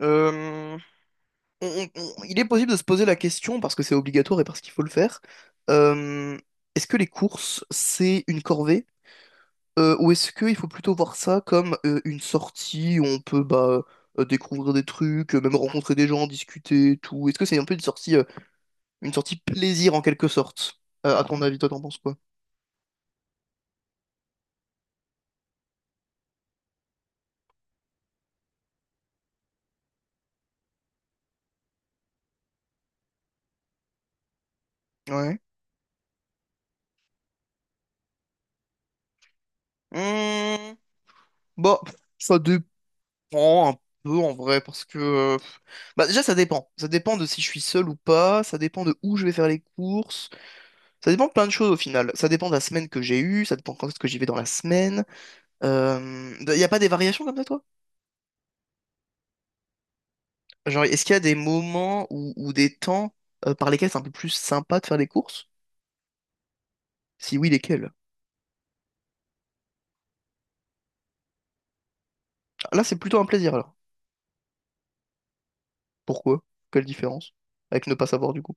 Euh, on- on- il est possible de se poser la question, parce que c'est obligatoire et parce qu'il faut le faire, euh, est-ce que les courses, c'est une corvée, ou est-ce qu'il faut plutôt voir ça comme une sortie où on peut bah, découvrir des trucs, même rencontrer des gens, discuter, tout? Est-ce que c'est un peu une sortie plaisir en quelque sorte? À ton avis, toi, t'en penses quoi? Ouais. Hmm, Bah, ça dépend un peu en vrai. Bah déjà ça dépend. Ça dépend de si je suis seul ou pas, ça dépend de où je vais faire les courses, ça dépend de plein de choses au final. Ça dépend de la semaine que j'ai eue, ça dépend quand est-ce que j'y vais dans la semaine. Y a pas des variations comme ça, toi? Genre est-ce qu'il y a des moments ou des temps par lesquels c'est un peu plus sympa de faire les courses? Si oui, lesquels? Ah, là c'est plutôt un plaisir alors. Pourquoi? Quelle différence? Avec ne pas savoir du coup.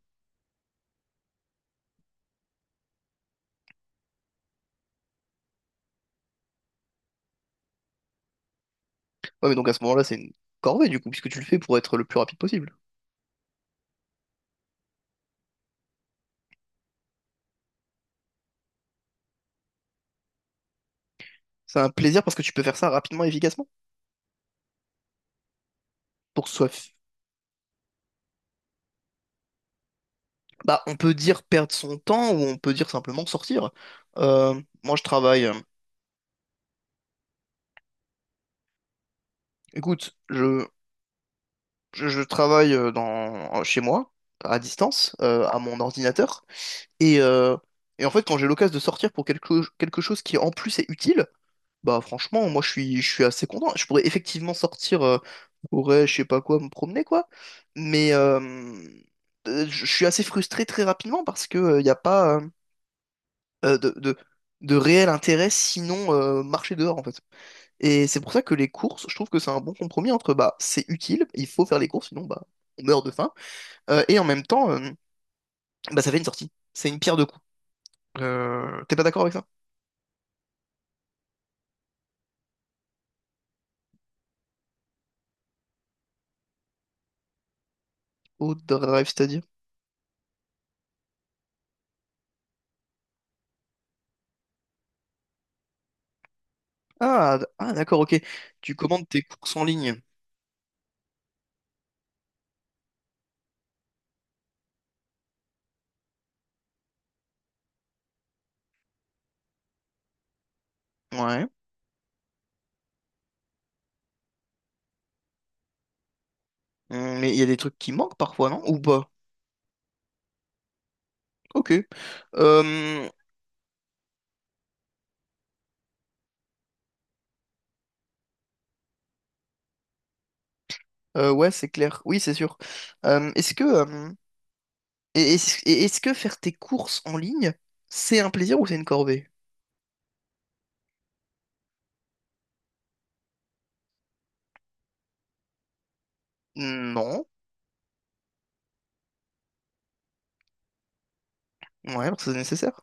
Ouais, mais donc à ce moment-là c'est une corvée du coup, puisque tu le fais pour être le plus rapide possible. C'est un plaisir parce que tu peux faire ça rapidement et efficacement. Pour que ce soit Bah, on peut dire perdre son temps ou on peut dire simplement sortir. Moi, je travaille. Écoute, je travaille chez moi, à distance, à mon ordinateur. Et, euh, et en fait, quand j'ai l'occasion de sortir pour quelque chose qui en plus est utile, bah franchement, moi je suis assez content. Je pourrais effectivement sortir, pourrais, je sais pas quoi, me promener quoi. Mais je suis assez frustré très rapidement parce que il n'y a pas, euh, de, de, de réel intérêt, sinon marcher dehors en fait. Et c'est pour ça que les courses, je trouve que c'est un bon compromis entre bah c'est utile, il faut faire les courses, sinon bah on meurt de faim, et en même temps, bah ça fait une sortie. C'est une pierre de coups. T'es pas d'accord avec ça? Au drive, c'est-à-dire? Ah, ah d'accord, ok. Tu commandes tes courses en ligne. Ouais. Mais il y a des trucs qui manquent parfois, non? Ou pas? Ok. Euh, ouais, c'est clair. Oui, c'est sûr. Est-ce que et est-ce que faire tes courses en ligne, c'est un plaisir ou c'est une corvée? Non. Ouais, parce que c'est nécessaire.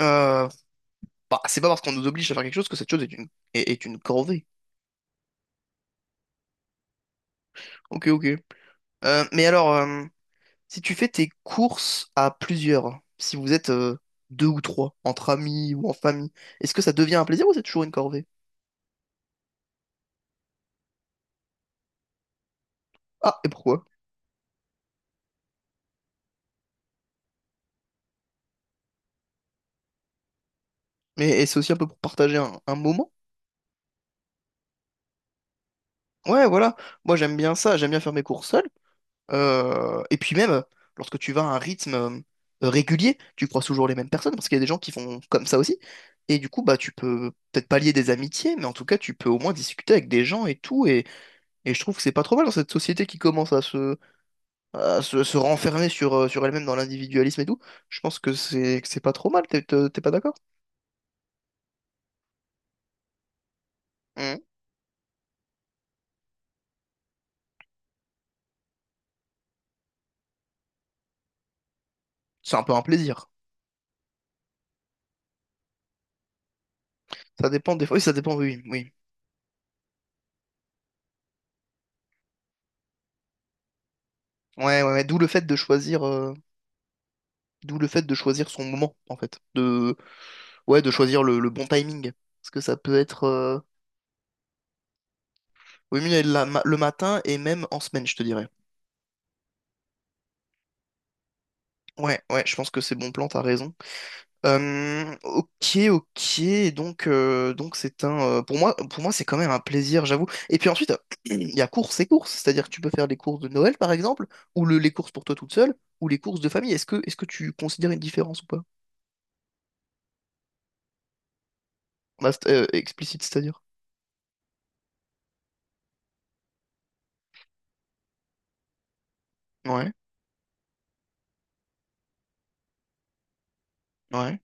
Euh, Bah, c'est pas parce qu'on nous oblige à faire quelque chose que cette chose est une corvée. Ok, ok. Mais alors, si tu fais tes courses à plusieurs, si vous êtes deux ou trois, entre amis ou en famille, est-ce que ça devient un plaisir ou c'est toujours une corvée? Ah, et pourquoi? Mais et c'est aussi un peu pour partager un moment? Ouais, voilà. Moi, j'aime bien ça. J'aime bien faire mes courses seul. Et puis même, lorsque tu vas à un rythme régulier, tu croises toujours les mêmes personnes, parce qu'il y a des gens qui font comme ça aussi. Et du coup, bah, tu peux peut-être pas lier des amitiés, mais en tout cas, tu peux au moins discuter avec des gens et tout. Et je trouve que c'est pas trop mal dans cette société qui commence se renfermer sur elle-même dans l'individualisme et tout. Je pense que c'est pas trop mal, t'es pas d'accord? Mhm. C'est un peu un plaisir. Ça dépend des fois. Oui, ça dépend, oui, oui. Ouais, ouais, ouais. D'où le fait de choisir son moment, en fait. De Ouais, de choisir le bon timing. Parce que ça peut être oui, mieux le matin et même en semaine, je te dirais. Ouais, ouais, je pense que c'est bon plan, t'as raison. Ok, ok, donc c'est un pour moi c'est quand même un plaisir, j'avoue. Et puis ensuite, il y a courses et courses, c'est-à-dire que tu peux faire les courses de Noël par exemple, ou les courses pour toi toute seule, ou les courses de famille. Est-ce que tu considères une différence ou pas? Bah, explicite, c'est-à-dire. Ouais, ouais.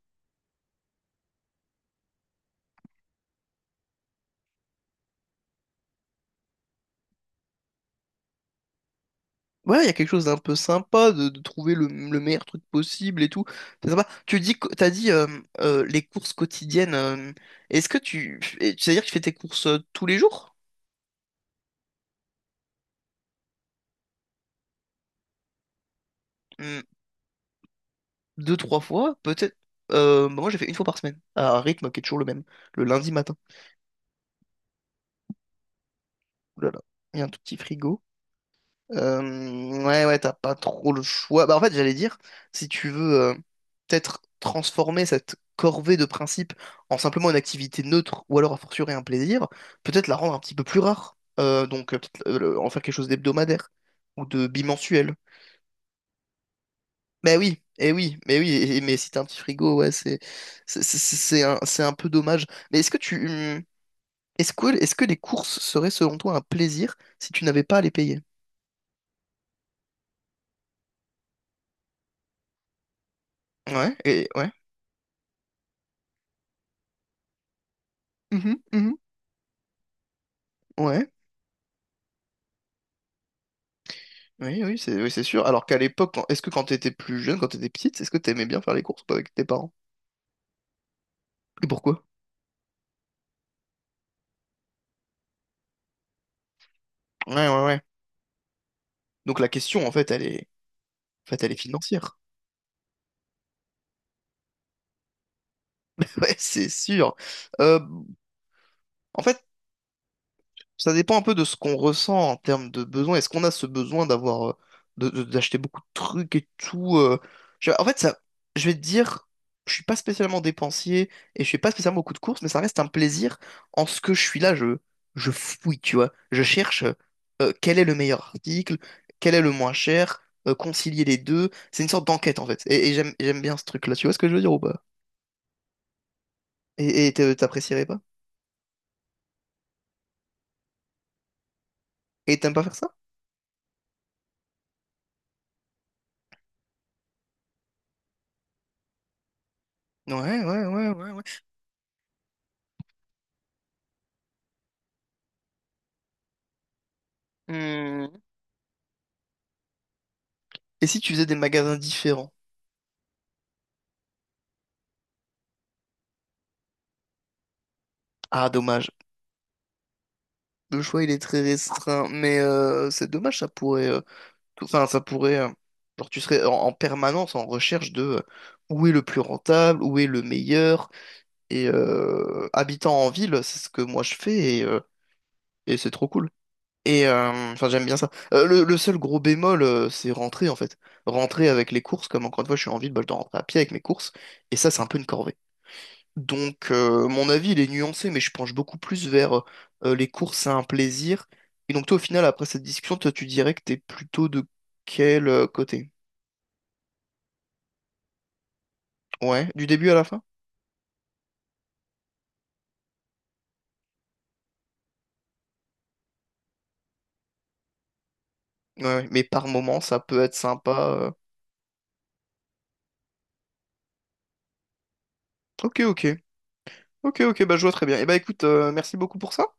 Ouais, il y a quelque chose d'un peu sympa de trouver le meilleur truc possible et tout. C'est sympa. T'as dit les courses quotidiennes. Est-ce que c'est-à-dire que tu fais tes courses tous les jours? Hmm, Deux, trois fois, peut-être. Bah moi, j'ai fait une fois par semaine, à un rythme qui est toujours le même, le lundi matin. Ouh là là, il y a un tout petit frigo. Ouais, ouais, t'as pas trop le choix. Bah, en fait, j'allais dire, si tu veux peut-être transformer cette corvée de principes en simplement une activité neutre ou alors a fortiori un plaisir, peut-être la rendre un petit peu plus rare. Donc, peut-être en faire quelque chose d'hebdomadaire ou de bimensuel. Mais oui, et oui, mais oui, eh, mais si t'as un petit frigo, ouais, c'est un peu dommage. Mais est-ce que tu. Est-ce que les courses seraient selon toi un plaisir si tu n'avais pas à les payer? Ouais, et ouais. Mhm, mhm, ouais. Oui, oui, c'est sûr. Alors qu'à l'époque, est-ce que quand t'étais plus jeune, quand t'étais petite, est-ce que t'aimais bien faire les courses ou pas avec tes parents? Et pourquoi? Ouais, ouais, ouais. Donc la question, en fait, elle est, en fait, elle est financière. Ouais, c'est sûr. Euh, En fait, ça dépend un peu de ce qu'on ressent en termes de besoin. Est-ce qu'on a ce besoin d'avoir, d'acheter beaucoup de trucs et tout en fait, ça, je vais te dire, je suis pas spécialement dépensier et je fais pas spécialement beaucoup de courses, mais ça reste un plaisir. En ce que je suis là, je fouille, tu vois. Je cherche quel est le meilleur article, quel est le moins cher, concilier les deux. C'est une sorte d'enquête en fait. Et j'aime bien ce truc-là. Tu vois ce que je veux dire ou pas? Et t'apprécierais pas? Et t'aimes pas faire ça? Ouais, ouais, ouais, ouais, ouais. Hmm. Et si tu faisais des magasins différents? Ah, dommage. Le choix, il est très restreint, mais c'est dommage, enfin, ça pourrait, genre, tu serais en permanence en recherche de où est le plus rentable, où est le meilleur, habitant en ville, c'est ce que moi je fais, et c'est trop cool. Enfin, j'aime bien ça. Le seul gros bémol, c'est rentrer, en fait. Rentrer avec les courses, comme encore une fois, je suis en ville, bah, je dois rentrer à pied avec mes courses, et ça, c'est un peu une corvée. Donc, mon avis, il est nuancé, mais je penche beaucoup plus vers les courses, c'est un plaisir. Et donc, toi, au final, après cette discussion, toi, tu dirais que t'es plutôt de quel côté? Ouais, du début à la fin? Ouais, ouais. Mais par moment, ça peut être sympa. Ok, ok. Ok, ok, bah je vois très bien. Et bah écoute, merci beaucoup pour ça.